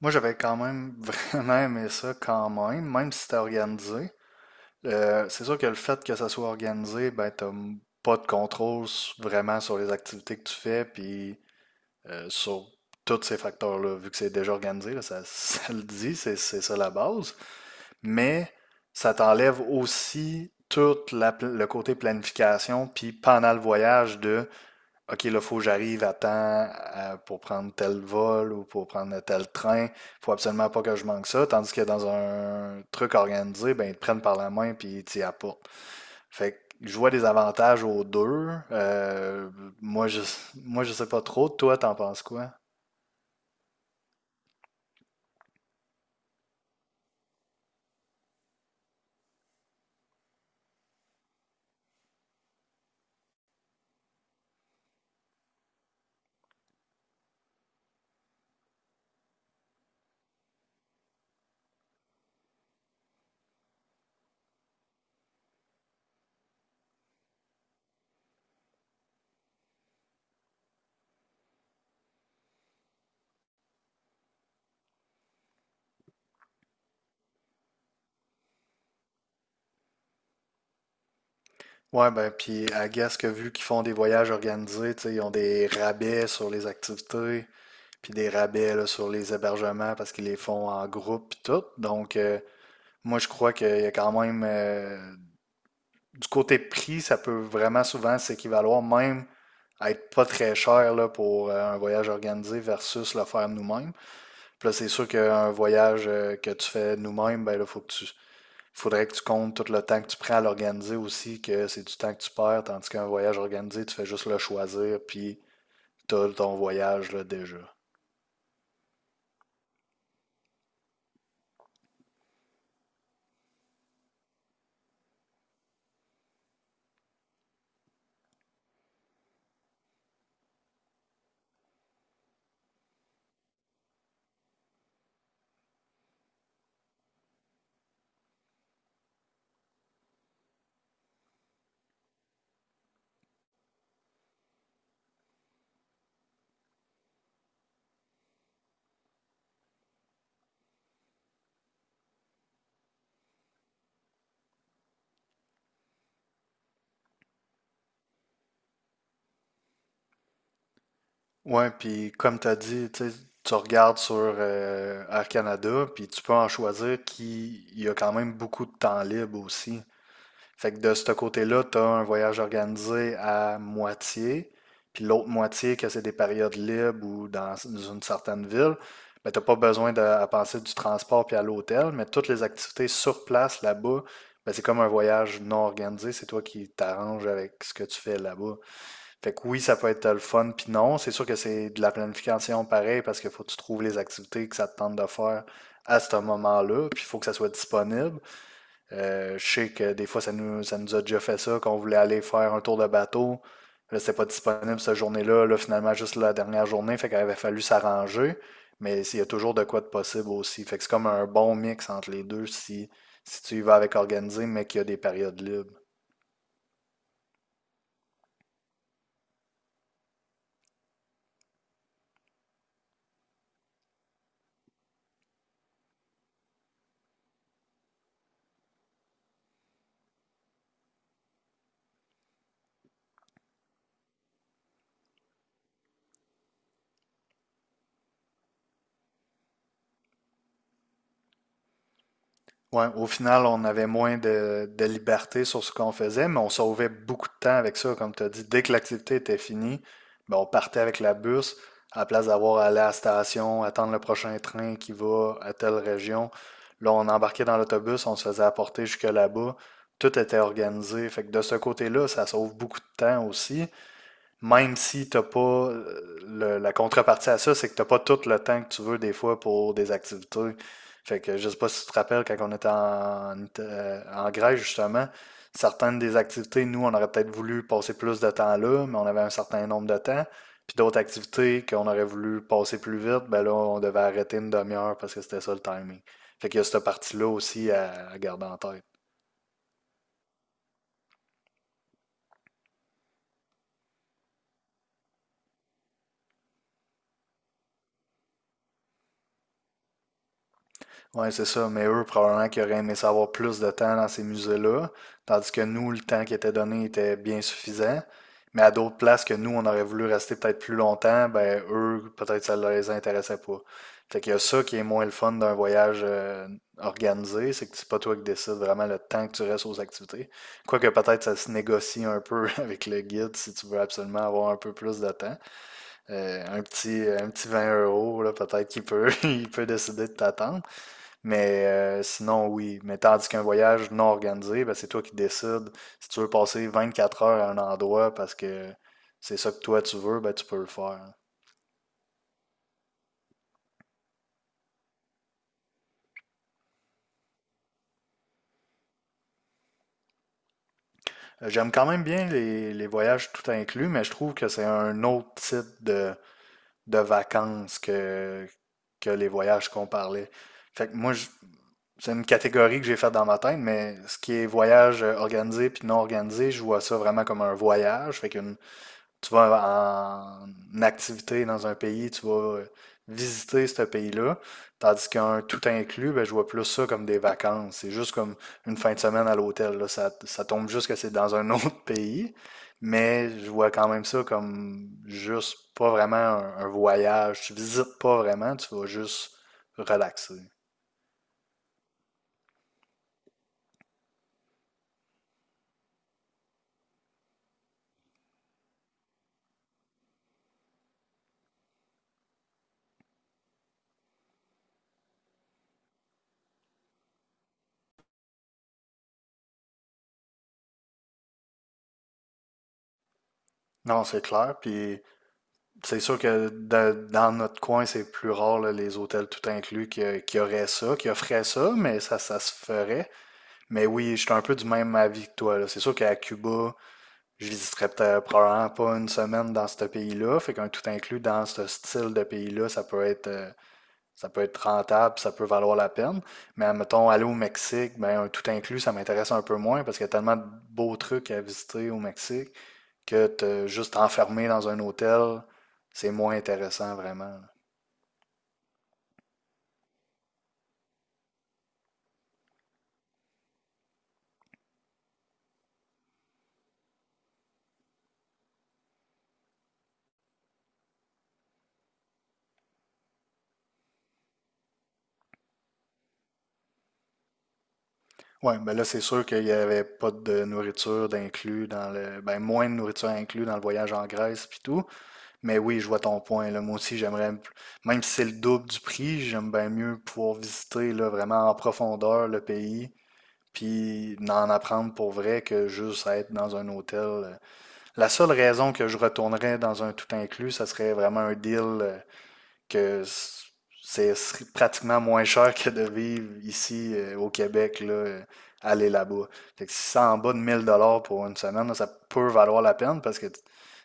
Moi, j'avais quand même vraiment aimé ça quand même, même si c'était organisé. C'est sûr que le fait que ça soit organisé, ben, t'as pas de contrôle vraiment sur les activités que tu fais, puis sur tous ces facteurs-là, vu que c'est déjà organisé, là, ça, ça le dit, c'est ça la base. Mais ça t'enlève aussi tout la le côté planification, puis pendant le voyage de OK, là, il faut que j'arrive à temps pour prendre tel vol ou pour prendre tel train. Faut absolument pas que je manque ça. Tandis que dans un truc organisé, ben, ils te prennent par la main puis ils t'y apportent. Fait que je vois des avantages aux deux. Moi, je, moi, je sais pas trop. Toi, t'en penses quoi? Ouais, ben, puis à guess que vu qu'ils font des voyages organisés, tu sais, ils ont des rabais sur les activités, puis des rabais là, sur les hébergements parce qu'ils les font en groupe, puis tout. Donc, moi, je crois qu'il y a quand même, du côté prix, ça peut vraiment souvent s'équivaloir même à être pas très cher là, pour un voyage organisé versus le faire nous-mêmes. Puis là, c'est sûr qu'un voyage que tu fais nous-mêmes, ben là, faudrait que tu comptes tout le temps que tu prends à l'organiser aussi, que c'est du temps que tu perds, tandis qu'un voyage organisé, tu fais juste le choisir, puis t'as ton voyage là, déjà. Ouais, puis comme tu as dit, tu sais, tu regardes sur Air Canada, puis tu peux en choisir qui il y a quand même beaucoup de temps libre aussi. Fait que de ce côté-là, tu as un voyage organisé à moitié, puis l'autre moitié, que c'est des périodes libres ou dans une certaine ville, ben t'as pas besoin de à penser du transport puis à l'hôtel, mais toutes les activités sur place là-bas, ben, c'est comme un voyage non organisé, c'est toi qui t'arranges avec ce que tu fais là-bas. Fait que oui, ça peut être le fun, puis non. C'est sûr que c'est de la planification pareil parce qu'il faut que tu trouves les activités que ça te tente de faire à ce moment-là, puis il faut que ça soit disponible. Je sais que des fois, ça nous a déjà fait ça, qu'on voulait aller faire un tour de bateau. Là, c'était pas disponible cette journée-là. Là, finalement, juste la dernière journée, fait qu'il avait fallu s'arranger. Mais il y a toujours de quoi de possible aussi. Fait que c'est comme un bon mix entre les deux si tu y vas avec organisé, mais qu'il y a des périodes libres. Ouais, au final, on avait moins de liberté sur ce qu'on faisait, mais on sauvait beaucoup de temps avec ça, comme tu as dit. Dès que l'activité était finie, ben, on partait avec la bus, à la place d'avoir à aller à la station, attendre le prochain train qui va à telle région. Là, on embarquait dans l'autobus, on se faisait apporter jusque là-bas. Tout était organisé. Fait que de ce côté-là, ça sauve beaucoup de temps aussi même si t'as pas la contrepartie à ça, c'est que t'as pas tout le temps que tu veux des fois pour des activités. Fait que je sais pas si tu te rappelles quand on était en Grèce justement, certaines des activités, nous, on aurait peut-être voulu passer plus de temps là, mais on avait un certain nombre de temps. Puis d'autres activités qu'on aurait voulu passer plus vite, ben là, on devait arrêter une demi-heure parce que c'était ça le timing. Fait qu'il y a cette partie-là aussi à garder en tête. Ouais, c'est ça. Mais eux, probablement qu'ils auraient aimé savoir plus de temps dans ces musées-là, tandis que nous, le temps qui était donné était bien suffisant. Mais à d'autres places que nous, on aurait voulu rester peut-être plus longtemps, ben eux, peut-être ça les intéressait pas. Fait qu'il y a ça qui est moins le fun d'un voyage organisé, c'est que c'est pas toi qui décides vraiment le temps que tu restes aux activités. Quoique peut-être ça se négocie un peu avec le guide si tu veux absolument avoir un peu plus de temps. Un petit 20 euros, là, peut-être qu'il peut, il peut décider de t'attendre. Mais sinon, oui. Mais tandis qu'un voyage non organisé, ben, c'est toi qui décides. Si tu veux passer 24 heures à un endroit parce que c'est ça que toi tu veux, ben, tu peux le faire. J'aime quand même bien les voyages tout inclus, mais je trouve que c'est un autre type de vacances que les voyages qu'on parlait. Fait que c'est une catégorie que j'ai faite dans ma tête, mais ce qui est voyage organisé puis non organisé, je vois ça vraiment comme un voyage. Fait qu'une tu vas en activité dans un pays, tu vas visiter ce pays-là. Tandis qu'un tout inclus, ben, je vois plus ça comme des vacances. C'est juste comme une fin de semaine à l'hôtel. Là. Ça tombe juste que c'est dans un autre pays, mais je vois quand même ça comme juste pas vraiment un voyage. Tu visites pas vraiment, tu vas juste relaxer. Non, c'est clair. Puis c'est sûr que dans notre coin, c'est plus rare, là, les hôtels tout inclus qui auraient ça, qui offraient ça, mais ça se ferait. Mais oui, je suis un peu du même avis que toi, là. C'est sûr qu'à Cuba, je visiterais peut-être probablement pas une semaine dans ce pays-là. Fait qu'un tout inclus dans ce style de pays-là, ça peut ça peut être rentable, ça peut valoir la peine. Mais mettons, aller au Mexique, ben, un tout inclus, ça m'intéresse un peu moins parce qu'il y a tellement de beaux trucs à visiter au Mexique que te juste enfermé dans un hôtel, c'est moins intéressant vraiment. Oui, ben là, c'est sûr qu'il n'y avait pas de nourriture d'inclus dans le. Ben, moins de nourriture inclus dans le voyage en Grèce puis tout. Mais oui, je vois ton point. Là. Moi aussi, même si c'est le double du prix, j'aime bien mieux pouvoir visiter là, vraiment en profondeur le pays puis en apprendre pour vrai que juste être dans un hôtel. La seule raison que je retournerais dans un tout inclus, ça serait vraiment un deal que c'est pratiquement moins cher que de vivre ici au Québec, aller là-bas. Fait que si c'est en bas de 1000 dollars pour une semaine, là, ça peut valoir la peine parce que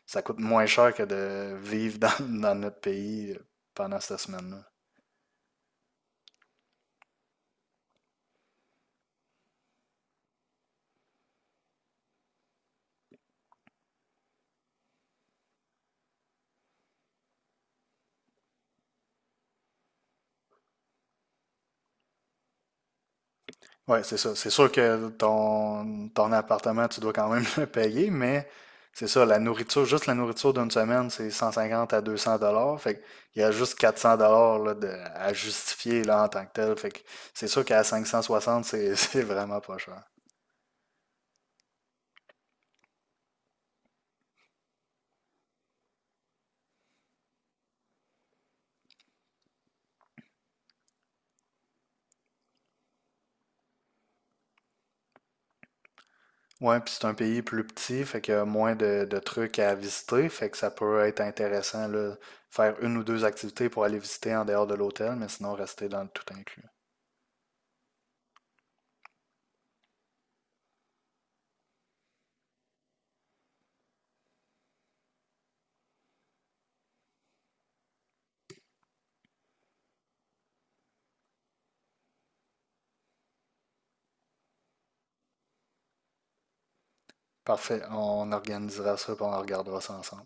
ça coûte moins cher que de vivre dans notre pays pendant cette semaine-là. Ouais, c'est ça. C'est sûr que ton appartement, tu dois quand même le payer, mais c'est ça, juste la nourriture d'une semaine, c'est 150 à 200 dollars. Fait qu'il y a juste 400 dollars à justifier là, en tant que tel. Fait que c'est sûr qu'à 560, c'est c'est vraiment pas cher. Ouais, puis c'est un pays plus petit, fait qu'il y a moins de trucs à visiter. Fait que ça peut être intéressant là, faire une ou deux activités pour aller visiter en dehors de l'hôtel, mais sinon rester dans le tout inclus. Parfait, on organisera ça puis on regardera ça ensemble.